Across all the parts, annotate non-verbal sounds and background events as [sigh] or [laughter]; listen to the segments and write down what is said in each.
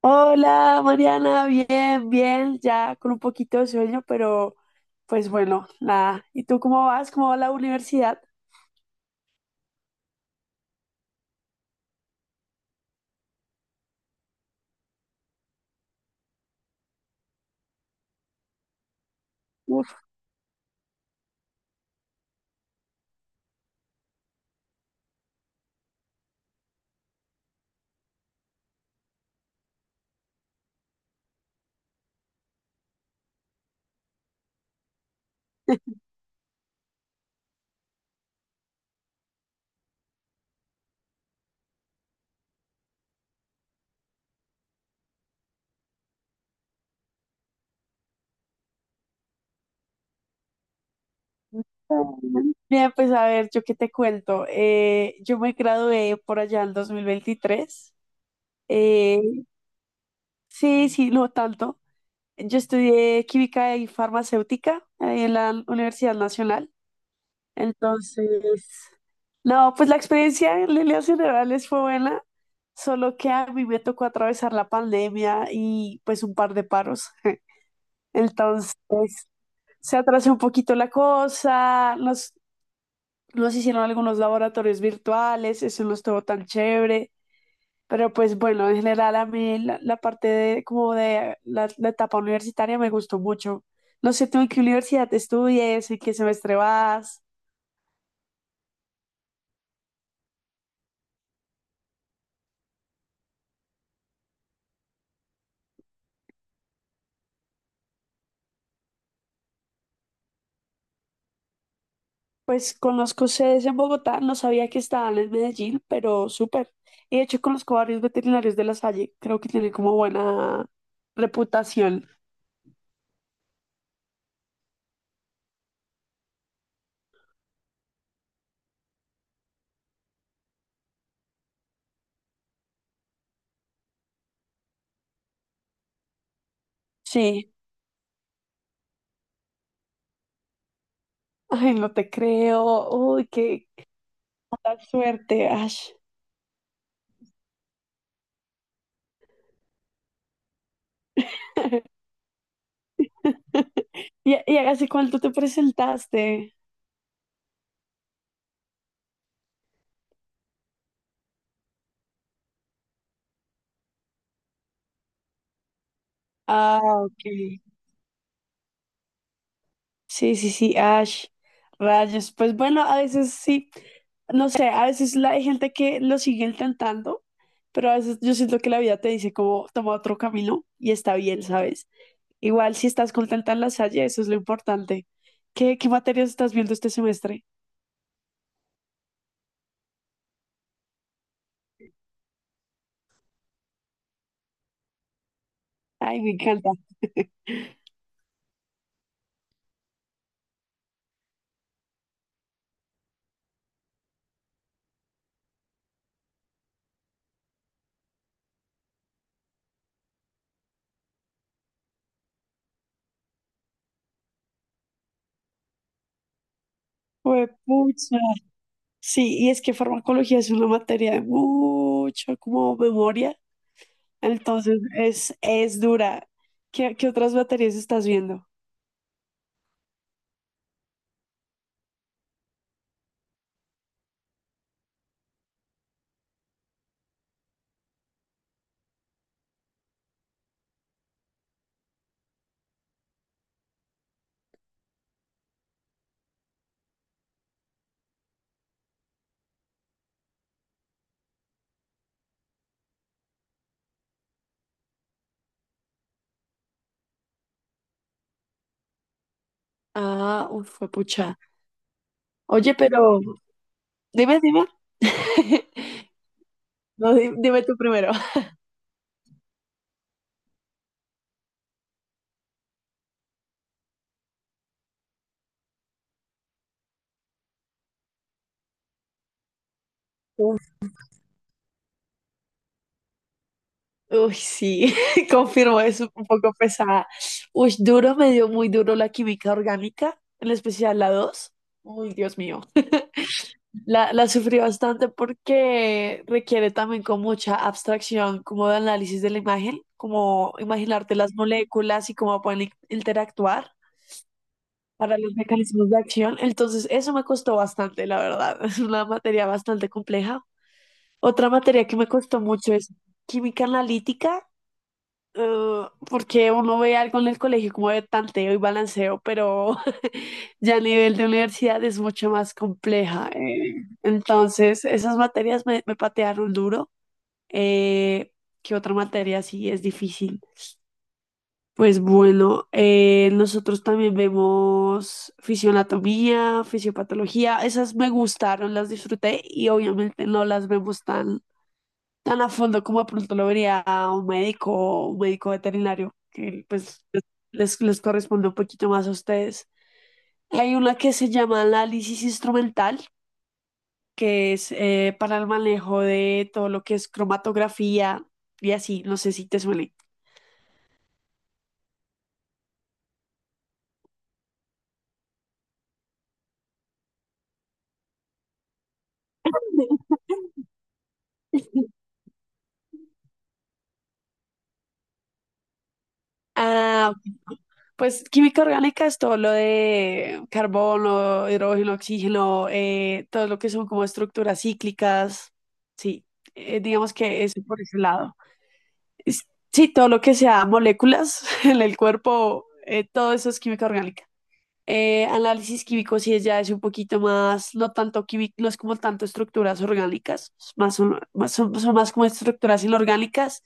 Hola, Mariana, bien, bien, ya con un poquito de sueño, pero pues bueno, nada. ¿Y tú cómo vas? ¿Cómo va la universidad? Uf, bien, bien, pues a ver, yo qué te cuento. Yo me gradué por allá en 2023. Eh, sí, sí, no tanto. Yo estudié química y farmacéutica ahí en la Universidad Nacional. Entonces, no, pues la experiencia en líneas generales fue buena, solo que a mí me tocó atravesar la pandemia y pues un par de paros. Entonces, se atrasó un poquito la cosa, nos hicieron algunos laboratorios virtuales, eso no estuvo tan chévere, pero pues bueno, en general a mí la parte de como de la etapa universitaria me gustó mucho. No sé tú en qué universidad estudias, en qué semestre vas. Pues conozco sedes en Bogotá, no sabía que estaban en Medellín, pero súper. Y de hecho conozco varios veterinarios de La Salle, creo que tienen como buena reputación. Sí. Ay, no te creo. Uy, qué mala suerte, Ash. [laughs] ¿Y hace cuánto te presentaste? Ah, ok. Sí, sí, sí, Ash, rayos. Pues bueno, a veces sí, no sé, a veces hay gente que lo sigue intentando, pero a veces yo siento que la vida te dice como toma otro camino y está bien, ¿sabes? Igual si estás contenta en la Salle, eso es lo importante. ¿Qué materias estás viendo este semestre? Ay, me encanta. [laughs] Pues pucha. Sí, y es que farmacología es una materia de mucha como memoria, entonces es dura. ¿Qué otras materias estás viendo? Ah, uf, fue pucha. Oye, pero dime, dime. [laughs] No, dime tú primero. Uf, uy, sí, [laughs] confirmo, es un poco pesada. Uy, duro, me dio muy duro la química orgánica, en especial la 2. Uy, Dios mío. La sufrí bastante porque requiere también con mucha abstracción, como de análisis de la imagen, como imaginarte las moléculas y cómo pueden interactuar para los mecanismos de acción. Entonces, eso me costó bastante, la verdad. [laughs] Es una materia bastante compleja. Otra materia que me costó mucho es química analítica. Porque uno ve algo en el colegio como de tanteo y balanceo, pero [laughs] ya a nivel de universidad es mucho más compleja. Entonces, esas materias me patearon duro. Eh, ¿Qué otra materia sí es difícil? Pues bueno, nosotros también vemos fisioanatomía, fisiopatología, esas me gustaron, las disfruté y obviamente no las vemos tan a fondo como de pronto lo vería a un médico o un médico veterinario, que pues les corresponde un poquito más a ustedes. Hay una que se llama análisis instrumental, que es para el manejo de todo lo que es cromatografía y así, no sé si te suele. [laughs] Ah, pues química orgánica es todo lo de carbono, hidrógeno, oxígeno, todo lo que son como estructuras cíclicas. Sí, digamos que es por ese lado. es- sí, todo lo que sea moléculas [laughs] en el cuerpo, todo eso es química orgánica. Análisis químico sí es ya es un poquito más, no tanto químico, no es como tanto estructuras orgánicas, es más son, son más como estructuras inorgánicas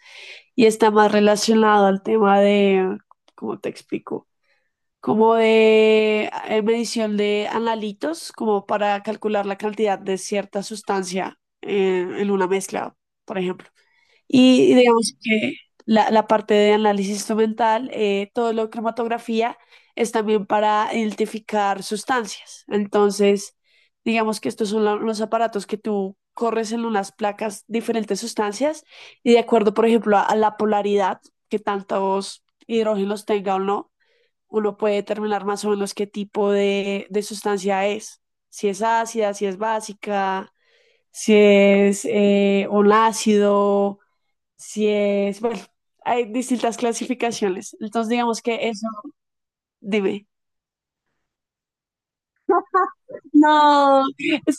y está más relacionado al tema de, ¿cómo te explico? Como de medición de analitos, como para calcular la cantidad de cierta sustancia en una mezcla, por ejemplo. Y digamos que la parte de análisis instrumental, todo lo de cromatografía es también para identificar sustancias. Entonces, digamos que estos son los aparatos que tú corres en unas placas diferentes sustancias y de acuerdo, por ejemplo, a la polaridad, que tantos hidrógenos tenga o no, uno puede determinar más o menos qué tipo de sustancia es. Si es ácida, si es básica, si es un ácido si es, bueno, hay distintas clasificaciones. Entonces, digamos que eso, dime. [laughs] No,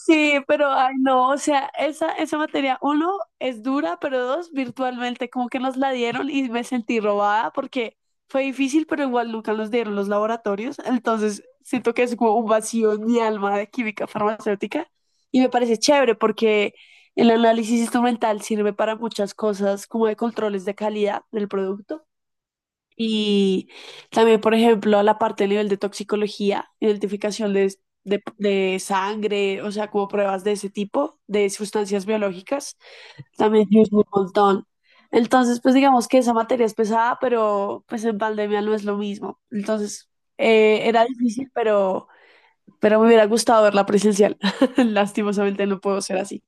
sí, pero ay no, o sea, esa materia, uno, es dura, pero dos, virtualmente como que nos la dieron y me sentí robada porque fue difícil, pero igual nunca nos dieron los laboratorios, entonces siento que es como un vacío en mi alma de química farmacéutica y me parece chévere porque el análisis instrumental sirve para muchas cosas como de controles de calidad del producto. Y también, por ejemplo, la parte a nivel de toxicología, identificación de sangre, o sea, como pruebas de ese tipo, de sustancias biológicas, también yo hice un montón. Entonces, pues digamos que esa materia es pesada, pero pues en pandemia no es lo mismo. Entonces, era difícil, pero me hubiera gustado verla presencial. [laughs] Lastimosamente no puedo ser así.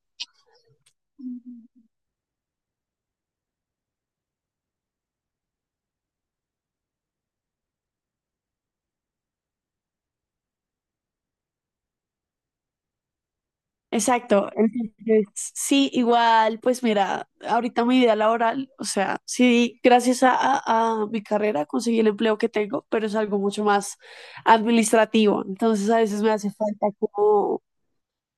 Exacto, entonces sí, igual, pues mira, ahorita mi vida laboral, o sea, sí, gracias a mi carrera conseguí el empleo que tengo, pero es algo mucho más administrativo, entonces a veces me hace falta como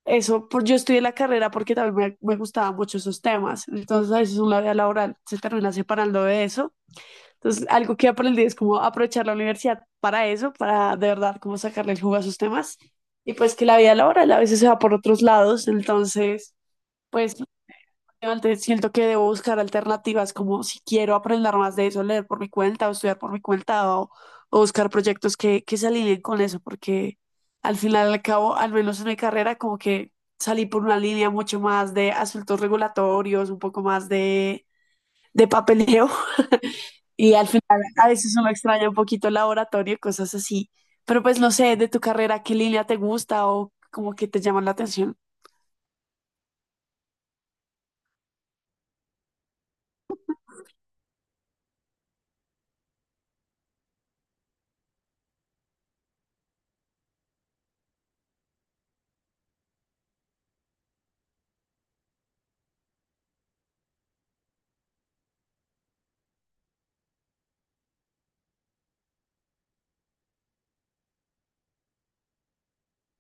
eso, por, yo estudié la carrera porque también me gustaban mucho esos temas, entonces a veces una vida laboral se termina separando de eso entonces, algo que aprendí es como aprovechar la universidad para eso, para de verdad como sacarle el jugo a sus temas. Y pues que la vida laboral a veces se va por otros lados, entonces, pues antes siento que debo buscar alternativas como si quiero aprender más de eso, leer por mi cuenta o estudiar por mi cuenta o buscar proyectos que se alineen con eso, porque al final y al cabo, al menos en mi carrera, como que salí por una línea mucho más de asuntos regulatorios, un poco más de papeleo y al final a veces uno extraña un poquito el laboratorio, cosas así. Pero pues no sé, de tu carrera, ¿qué línea te gusta o como que te llama la atención?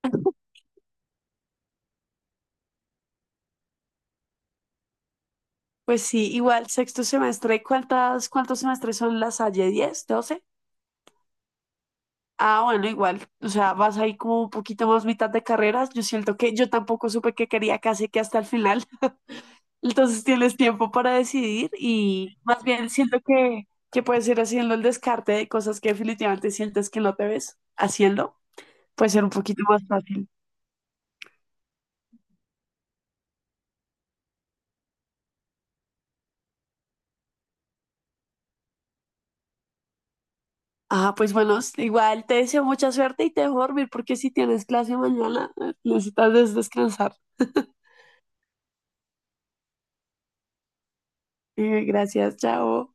[laughs] Pues sí, igual, sexto semestre, cuántos semestres son las Salle? 10, 12. Ah, bueno, igual, o sea, vas ahí como un poquito más mitad de carreras. Yo siento que yo tampoco supe que quería casi que hasta el final. [laughs] Entonces tienes tiempo para decidir y más bien siento que puedes ir haciendo el descarte de cosas que definitivamente sientes que no te ves haciendo puede ser un poquito más fácil. Ah, pues bueno, igual te deseo mucha suerte y te dejo dormir porque si tienes clase mañana necesitas descansar. [laughs] Gracias, chao.